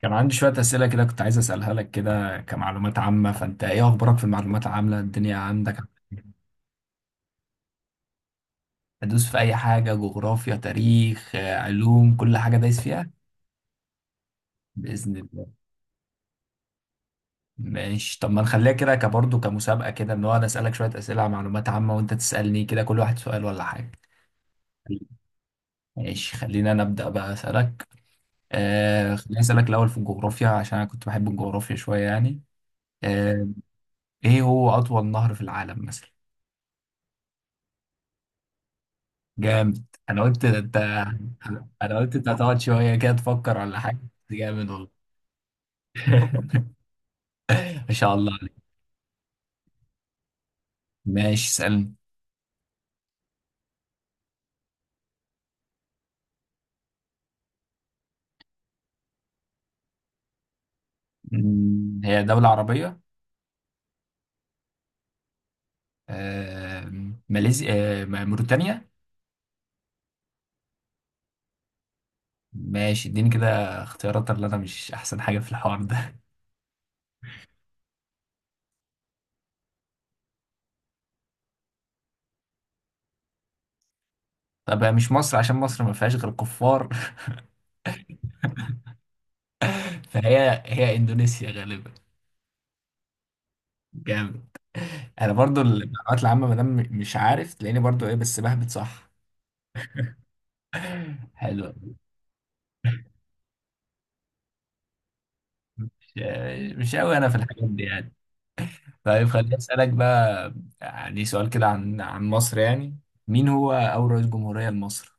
كان عندي شوية أسئلة كده، كنت عايز أسألها لك كده كمعلومات عامة. فأنت إيه أخبارك في المعلومات العامة؟ الدنيا عندك هدوس في أي حاجة، جغرافيا، تاريخ، علوم، كل حاجة دايس فيها. بإذن الله. ماشي، طب ما نخليها كده كبرضه كمسابقة كده، إن هو أنا أسألك شوية أسئلة عن معلومات عامة وأنت تسألني كده، كل واحد سؤال ولا حاجة. ماشي، خلينا أنا أبدأ بقى أسألك. خليني أسألك الأول في الجغرافيا عشان أنا كنت بحب الجغرافيا شوية يعني. آه. إيه هو أطول نهر في العالم مثلا؟ جامد! انا قلت ده انت. انا قلت انت هتقعد شويه كده تفكر ولا حاجه. جامد والله. ما شاء الله. ماشي، اسالني. هي دولة عربية؟ ماليزيا، موريتانيا. ماشي، اديني كده اختيارات، اللي انا مش احسن حاجة في الحوار ده. طب هي مش مصر عشان مصر ما فيهاش غير كفار. فهي هي اندونيسيا غالبا. جامد. انا برضو المعلومات العامة ما دام مش عارف تلاقيني برضو ايه بس بهبت صح. حلو. مش مش قوي انا في الحاجات دي يعني. طيب، خليني أسألك بقى. يعني سؤال كده عن مصر يعني. مين هو أول رئيس جمهورية لمصر؟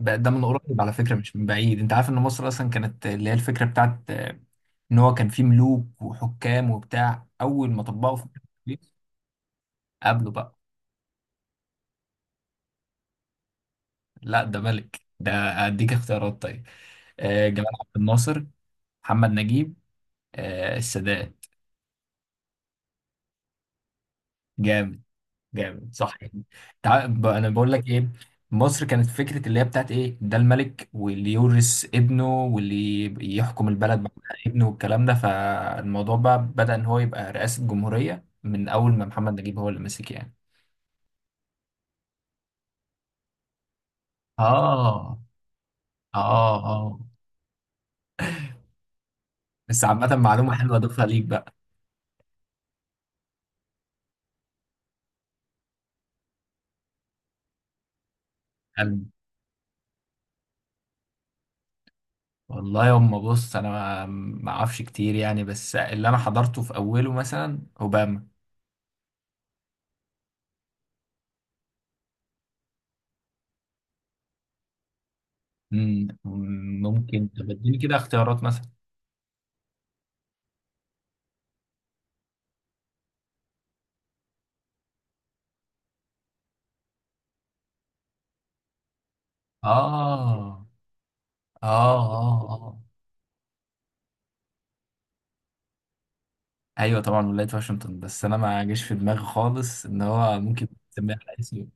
بقى ده من قريب على فكرة، مش من بعيد. أنت عارف إن مصر أصلا كانت اللي هي الفكرة بتاعت، إن هو كان فيه ملوك وحكام وبتاع أول ما طبقوا في. قبله بقى. لا، ده ملك ده. أديك اختيارات طيب. جمال عبد الناصر. محمد نجيب. السادات. جامد. جامد، صح. انا بقول لك ايه. مصر كانت فكره اللي هي بتاعت ايه، ده الملك واللي يورث ابنه واللي يحكم البلد بعد ابنه والكلام ده. فالموضوع بقى بدأ ان هو يبقى رئاسه جمهوريه من اول ما محمد نجيب هو اللي مسك يعني. اه، اه، اه. بس عامه، معلومه حلوه اضيفها ليك بقى. حلو. والله يما، بص انا ما اعرفش كتير يعني بس اللي انا حضرته في اوله مثلا اوباما. مم، ممكن طب اديني كده اختيارات مثلا. اه، اه، اه، اه. ايوه، طبعا ولاية واشنطن. بس انا ما جاش في دماغي خالص ان هو ممكن تسميها على اسمي.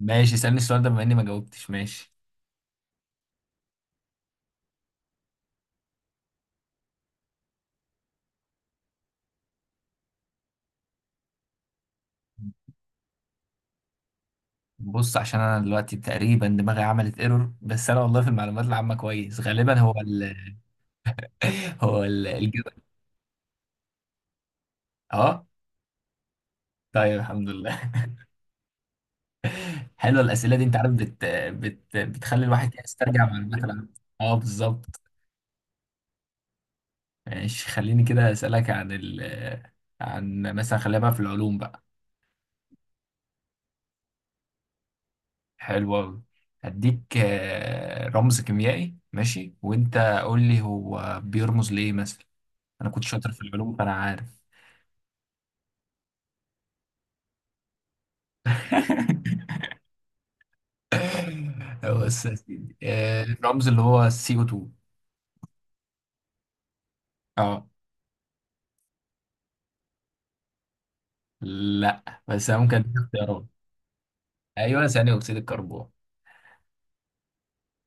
ماشي، اسألني السؤال ده بما اني ما جاوبتش، ماشي. بص، عشان انا دلوقتي تقريبا دماغي عملت ايرور. بس انا والله في المعلومات العامة كويس، غالبا هو ال. هو الجبل. اه. طيب، الحمد لله حلوه الأسئلة دي، انت عارف بتخلي الواحد يسترجع معلومات العامة. اه، بالظبط. ماشي، خليني كده أسألك عن مثلا، خلينا بقى في العلوم بقى. حلو أوي. هديك رمز كيميائي ماشي، وأنت قول لي هو بيرمز لإيه مثلا. أنا كنت شاطر في العلوم فأنا عارف. بص يا سيدي، الرمز اللي هو سي او 2. اه، لا بس أنا ممكن أديك اختيارات. أيوه، ثاني أكسيد الكربون.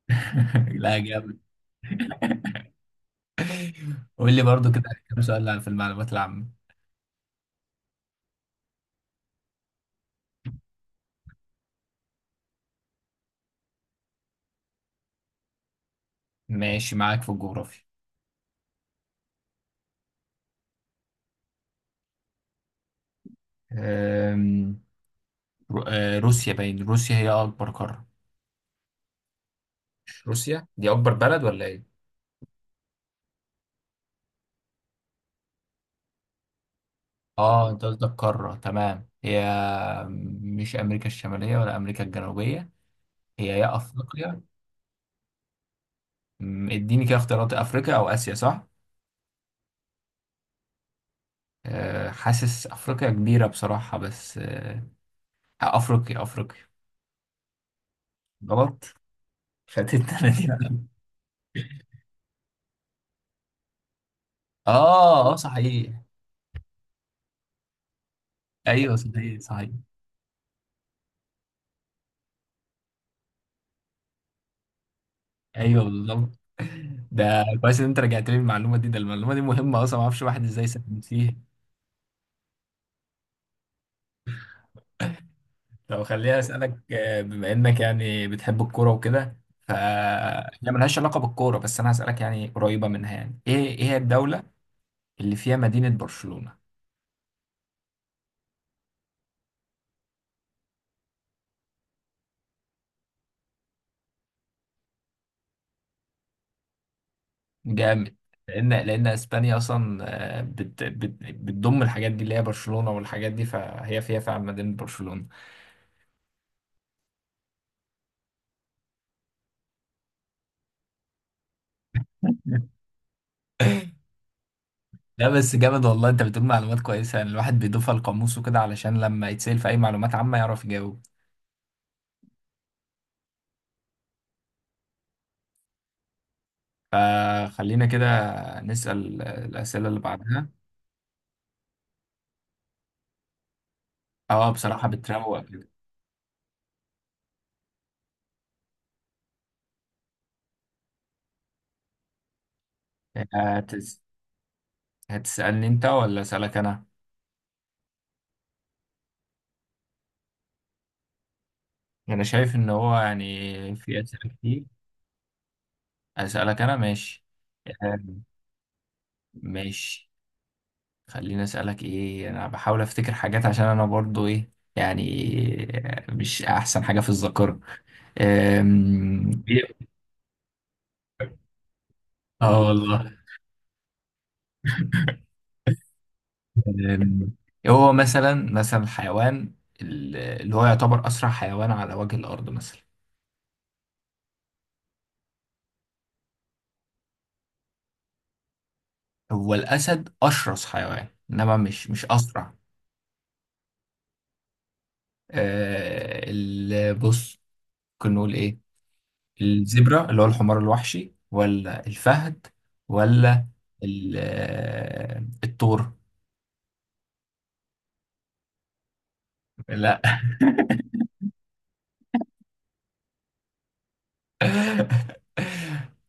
لا، جامد. قول لي برضو كده. كام سؤال في المعلومات العامة. ماشي، معاك في الجغرافيا. أم، روسيا باين، روسيا هي أكبر قارة. مش روسيا دي أكبر بلد ولا إيه؟ اه، انت قصدك قارة، تمام. هي مش أمريكا الشمالية ولا أمريكا الجنوبية. هي يا أفريقيا؟ اديني كده اختيارات، أفريقيا أو آسيا صح؟ حاسس أفريقيا كبيرة بصراحة بس، أفريقيا أفريقيا. غلط. فاتتنا أنا دي لا. اه، اه، صحيح. أيوه، صحيح صحيح. ايوه، بالظبط. ده كويس ان انت رجعت لي المعلومه دي، ده المعلومه دي مهمه اصلا، ما اعرفش الواحد ازاي ساكن فيه. طب خليني اسالك، بما انك يعني بتحب الكوره وكده، ف هي ملهاش علاقه بالكوره بس انا هسالك يعني قريبه منها، يعني ايه هي الدوله اللي فيها مدينه برشلونه؟ جامد. لان اسبانيا اصلا بتضم الحاجات دي اللي هي برشلونه والحاجات دي، فهي فيها فعلا مدينه برشلونه. لا بس جامد والله، انت بتقول معلومات كويسة يعني الواحد بيضيفها لقاموسه كده علشان لما يتسأل في أي معلومات عامة يعرف يجاوب. فخلينا كده نسأل الأسئلة اللي بعدها. اه، بصراحة بتروق كده. هتس... هتسألني انت ولا أسألك أنا؟ أنا شايف إن هو يعني في أسئلة كتير. أسألك أنا، ماشي. آم، ماشي. خليني أسألك، إيه أنا بحاول أفتكر حاجات عشان أنا برضو إيه يعني، مش أحسن حاجة في الذاكرة. إيه؟ اه، والله. أم، هو مثلا، مثلا الحيوان اللي هو يعتبر أسرع حيوان على وجه الأرض مثلا؟ هو الأسد أشرس حيوان، إنما مش أسرع. أه، بص. ممكن نقول إيه؟ الزبرة اللي هو الحمار الوحشي، ولا الفهد، ولا الثور. لا.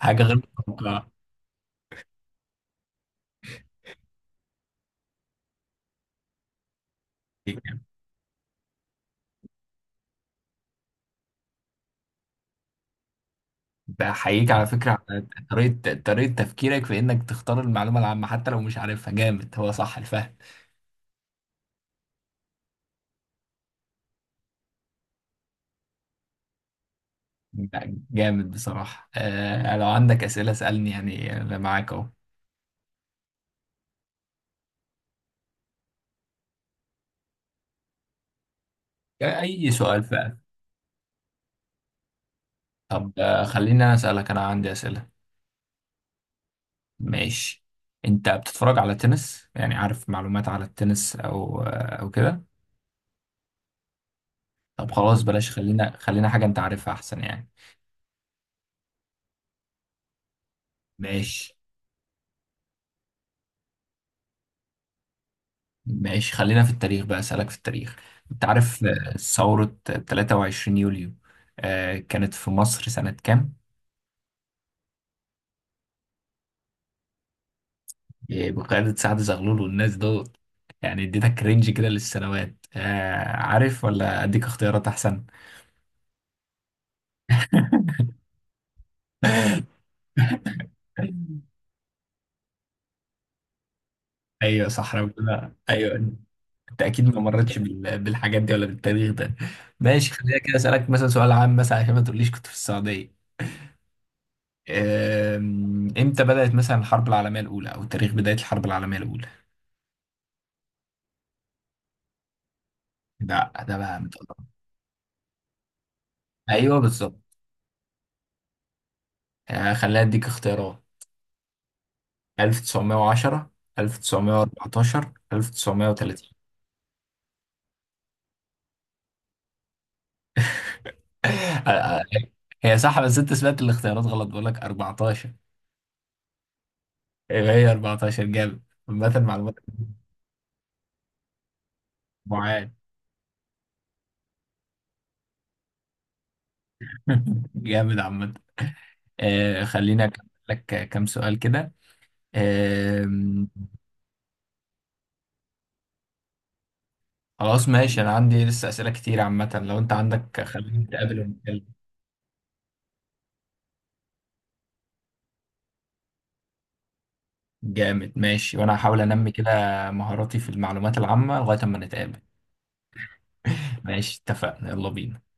حاجة غير متوقعة. بحييك على فكرة على طريقة تفكيرك في إنك تختار المعلومة العامة حتى لو مش عارفها، جامد هو صح الفهم. لا، جامد بصراحة. لو عندك أسئلة اسألني يعني أنا معاك أهو. أي سؤال بقى. طب خليني أنا أسألك، أنا عندي أسئلة. ماشي. أنت بتتفرج على التنس؟ يعني عارف معلومات على التنس أو أو كده؟ طب خلاص بلاش، خلينا حاجة أنت عارفها أحسن يعني. ماشي. ماشي، خلينا في التاريخ بقى، أسألك في التاريخ. أنت عارف ثورة 23 يوليو، كانت في مصر سنة كام؟ بقيادة سعد زغلول والناس دول. يعني اديتك رينج كده للسنوات، عارف ولا أديك اختيارات أحسن؟ أيوه صح، أنا بقول لها. أيوه. أنت أكيد ما مرتش بالحاجات دي ولا بالتاريخ ده. ماشي، خلينا كده أسألك مثلا سؤال عام مثلا عشان ما تقوليش كنت في السعودية. امتى بدأت مثلا الحرب العالمية الأولى أو تاريخ بداية الحرب العالمية الأولى؟ ده بقى متقطع. أيوه، بالظبط. خليني أديك اختيارات، 1910، 1914، 1930. آه، آه، هي صح، بس أنت سمعت الاختيارات غلط، بقول لك 14. يبقى هي 14، جامد. عامة معلومات. معاد. جامد عامة. خليني أكمل لك كام سؤال كده. آه، خلاص ماشي، انا عندي لسه اسئله كتير عامه، لو انت عندك خلينا نتقابل ماشي ونتكلم. جامد، ماشي، وانا هحاول انمي كده مهاراتي في المعلومات العامه لغايه اما نتقابل. ماشي، اتفقنا، يلا بينا.